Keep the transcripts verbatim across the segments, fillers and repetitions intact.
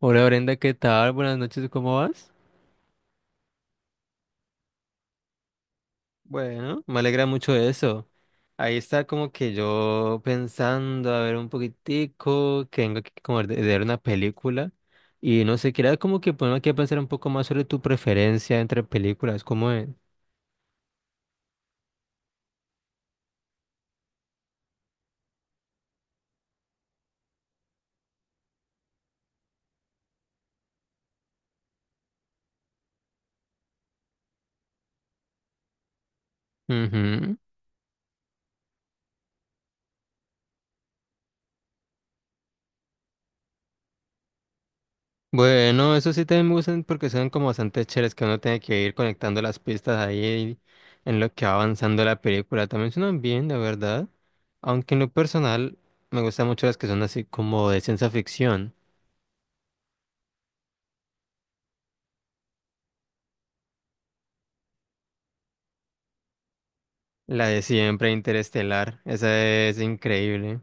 Hola Brenda, ¿qué tal? Buenas noches, ¿cómo vas? Bueno, me alegra mucho eso. Ahí está como que yo pensando, a ver un poquitico, que vengo aquí como de, de ver una película y no sé, quería como que ponerme aquí a pensar un poco más sobre tu preferencia entre películas, ¿cómo es? Bueno, eso sí también me gustan porque son como bastante chéveres que uno tiene que ir conectando las pistas ahí en lo que va avanzando la película. También suenan bien, la verdad. Aunque en lo personal me gustan mucho las que son así como de ciencia ficción. La de siempre Interestelar, esa es increíble.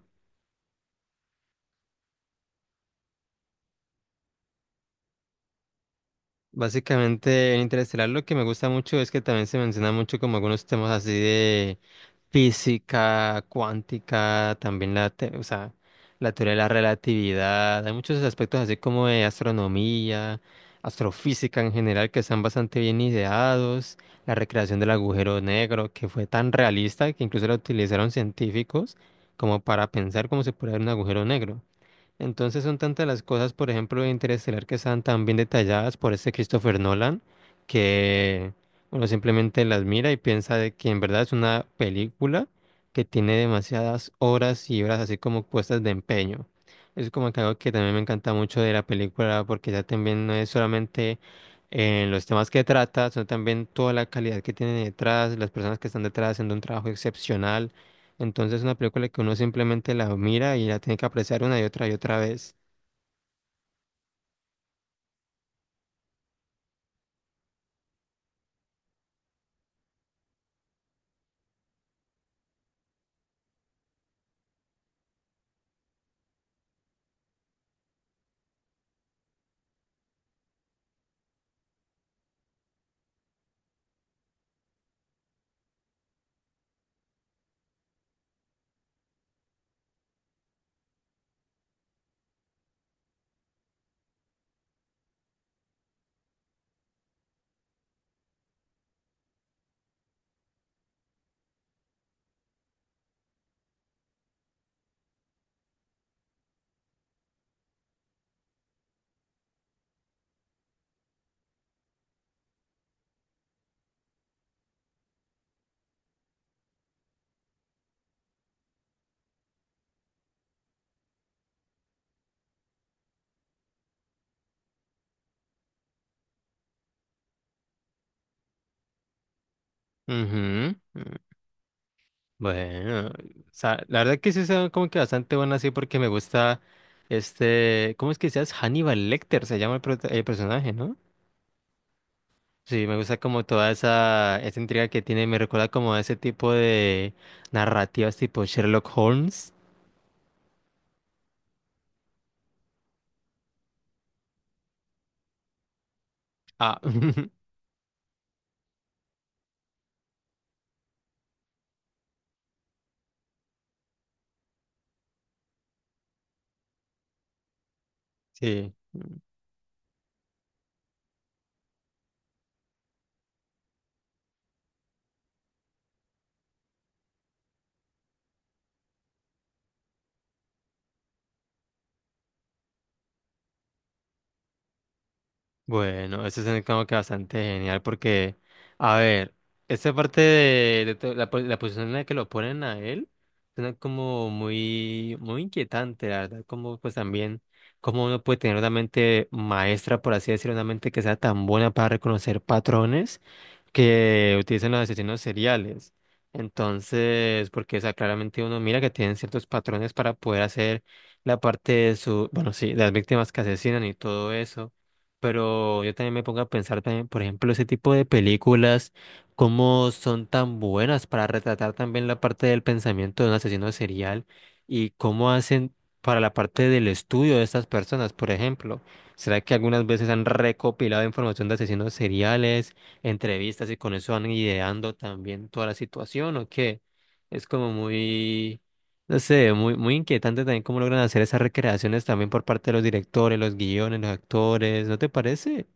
Básicamente en Interestelar lo que me gusta mucho es que también se menciona mucho como algunos temas así física cuántica, también la, te- o sea, la teoría de la relatividad, hay muchos aspectos así como de astronomía, astrofísica en general que están bastante bien ideados, la recreación del agujero negro que fue tan realista que incluso la utilizaron científicos como para pensar cómo se puede ver un agujero negro. Entonces son tantas las cosas, por ejemplo, de Interestelar que están tan bien detalladas por este Christopher Nolan, que uno simplemente las mira y piensa de que en verdad es una película que tiene demasiadas horas y horas así como puestas de empeño. Es como que algo que también me encanta mucho de la película porque ya también no es solamente en los temas que trata, sino también toda la calidad que tiene detrás, las personas que están detrás haciendo un trabajo excepcional, entonces es una película que uno simplemente la mira y la tiene que apreciar una y otra y otra vez. Ujú. Mm. Bueno, o sea, la verdad que sí son como que bastante buenas así porque me gusta este, ¿cómo es que se llama? Hannibal Lecter se llama el, prota- el personaje, ¿no? Sí, me gusta como toda esa, esa intriga que tiene, me recuerda como a ese tipo de narrativas tipo Sherlock Holmes. Ah, sí. Bueno, eso es como que bastante genial porque, a ver, esta parte de, de to- la, po- la posición en la que lo ponen a él suena como muy, muy inquietante, la verdad, como pues también, como uno puede tener una mente maestra, por así decirlo, una mente que sea tan buena para reconocer patrones que utilizan los asesinos seriales. Entonces, porque, o sea, claramente uno mira que tienen ciertos patrones para poder hacer la parte de su, bueno, sí, de las víctimas que asesinan y todo eso. Pero yo también me pongo a pensar también, por ejemplo, ese tipo de películas, cómo son tan buenas para retratar también la parte del pensamiento de un asesino serial y cómo hacen para la parte del estudio de estas personas, por ejemplo. ¿Será que algunas veces han recopilado información de asesinos seriales? Entrevistas y con eso van ideando también toda la situación o qué. Es como muy, no sé, muy, muy inquietante también cómo logran hacer esas recreaciones también por parte de los directores, los guiones, los actores, ¿no te parece?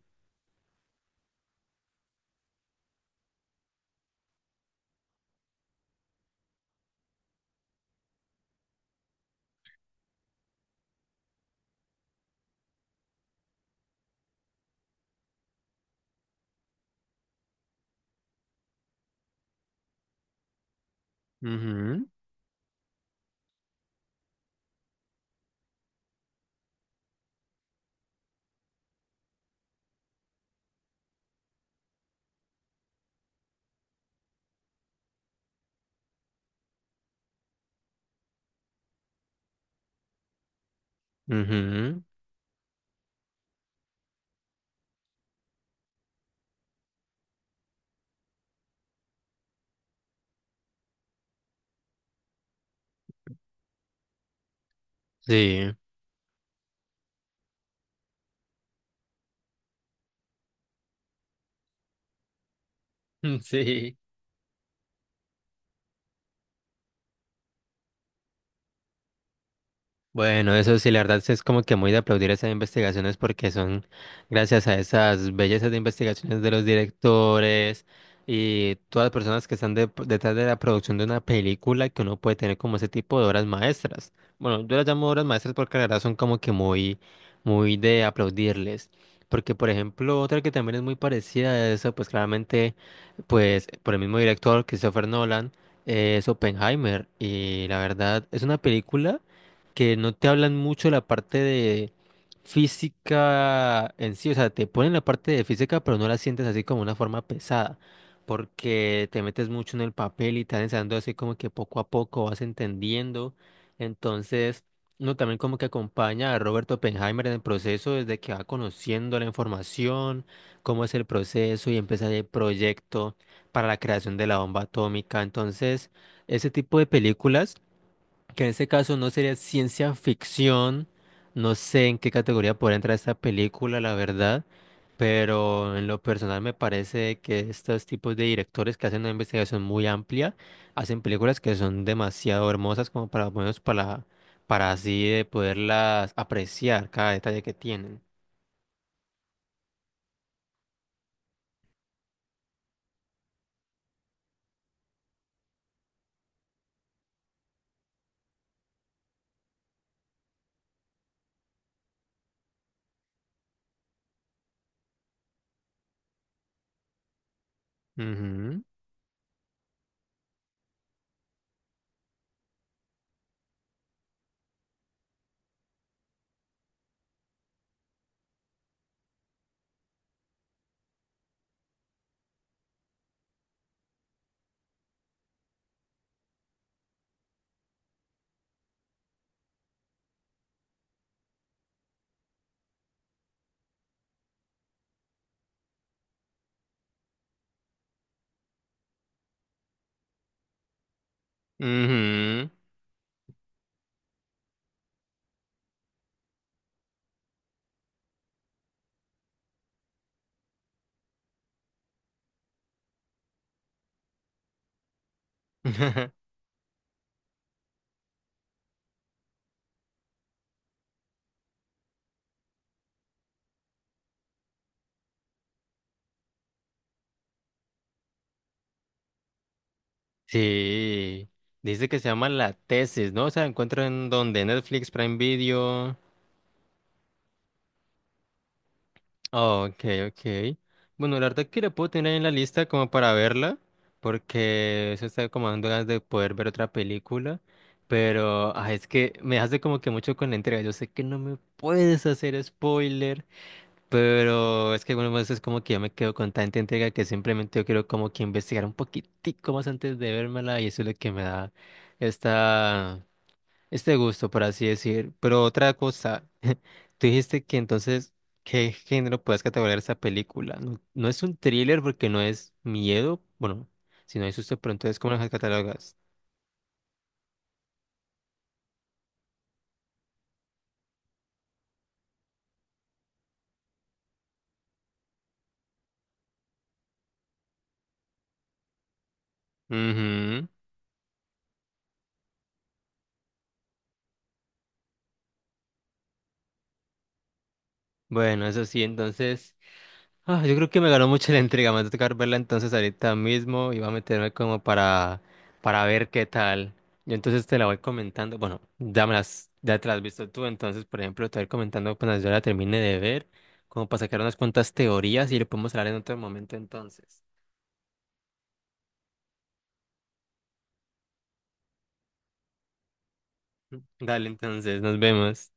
Ujú, ujú, sí, sí. Bueno, eso sí, la verdad sí es como que muy de aplaudir esas investigaciones porque son gracias a esas bellezas de investigaciones de los directores y todas las personas que están de- detrás de la producción de una película que uno puede tener como ese tipo de obras maestras. Bueno, yo las llamo obras maestras porque la verdad son como que muy, muy de aplaudirles. Porque, por ejemplo, otra que también es muy parecida a eso, pues claramente, pues por el mismo director, Christopher Nolan, eh, es Oppenheimer. Y la verdad es una película que no te hablan mucho la parte de física en sí, o sea, te ponen la parte de física, pero no la sientes así como una forma pesada, porque te metes mucho en el papel y te van enseñando así como que poco a poco vas entendiendo. Entonces, uno también como que acompaña a Robert Oppenheimer en el proceso desde que va conociendo la información, cómo es el proceso y empieza el proyecto para la creación de la bomba atómica. Entonces, ese tipo de películas que en este caso no sería ciencia ficción, no sé en qué categoría podría entrar esta película, la verdad, pero en lo personal me parece que estos tipos de directores que hacen una investigación muy amplia, hacen películas que son demasiado hermosas como para, bueno, para, para así de poderlas apreciar cada detalle que tienen. Ujú, ujú. Sí, dice que se llama La Tesis, ¿no? O sea, ¿encuentro en donde ¿Netflix, Prime Video? Oh, ok, ok. Bueno, la verdad que la puedo tener ahí en la lista como para verla, porque eso está como dando ganas de poder ver otra película, pero ah, es que me hace como que mucho con la entrega. Yo sé que no me puedes hacer spoiler, pero es que algunas veces como que yo me quedo con tanta entrega que simplemente yo quiero como que investigar un poquitico más antes de vérmela y eso es lo que me da esta este gusto, por así decir. Pero otra cosa, tú dijiste que entonces, ¿qué género puedes categorizar esta película? No, no es un thriller porque no es miedo, bueno, si no hay susto, pero entonces, ¿cómo las catalogas? Ujú. Bueno, eso sí, entonces. Ah, yo creo que me ganó mucho la intriga. Me va a tocar verla entonces ahorita mismo y va a meterme como para, para ver qué tal. Yo entonces te la voy comentando. Bueno, ya me las, ya te las has visto tú. Entonces, por ejemplo, te voy a ir comentando cuando yo la termine de ver, como para sacar unas cuantas teorías y le podemos hablar en otro momento entonces. Dale, entonces, nos vemos.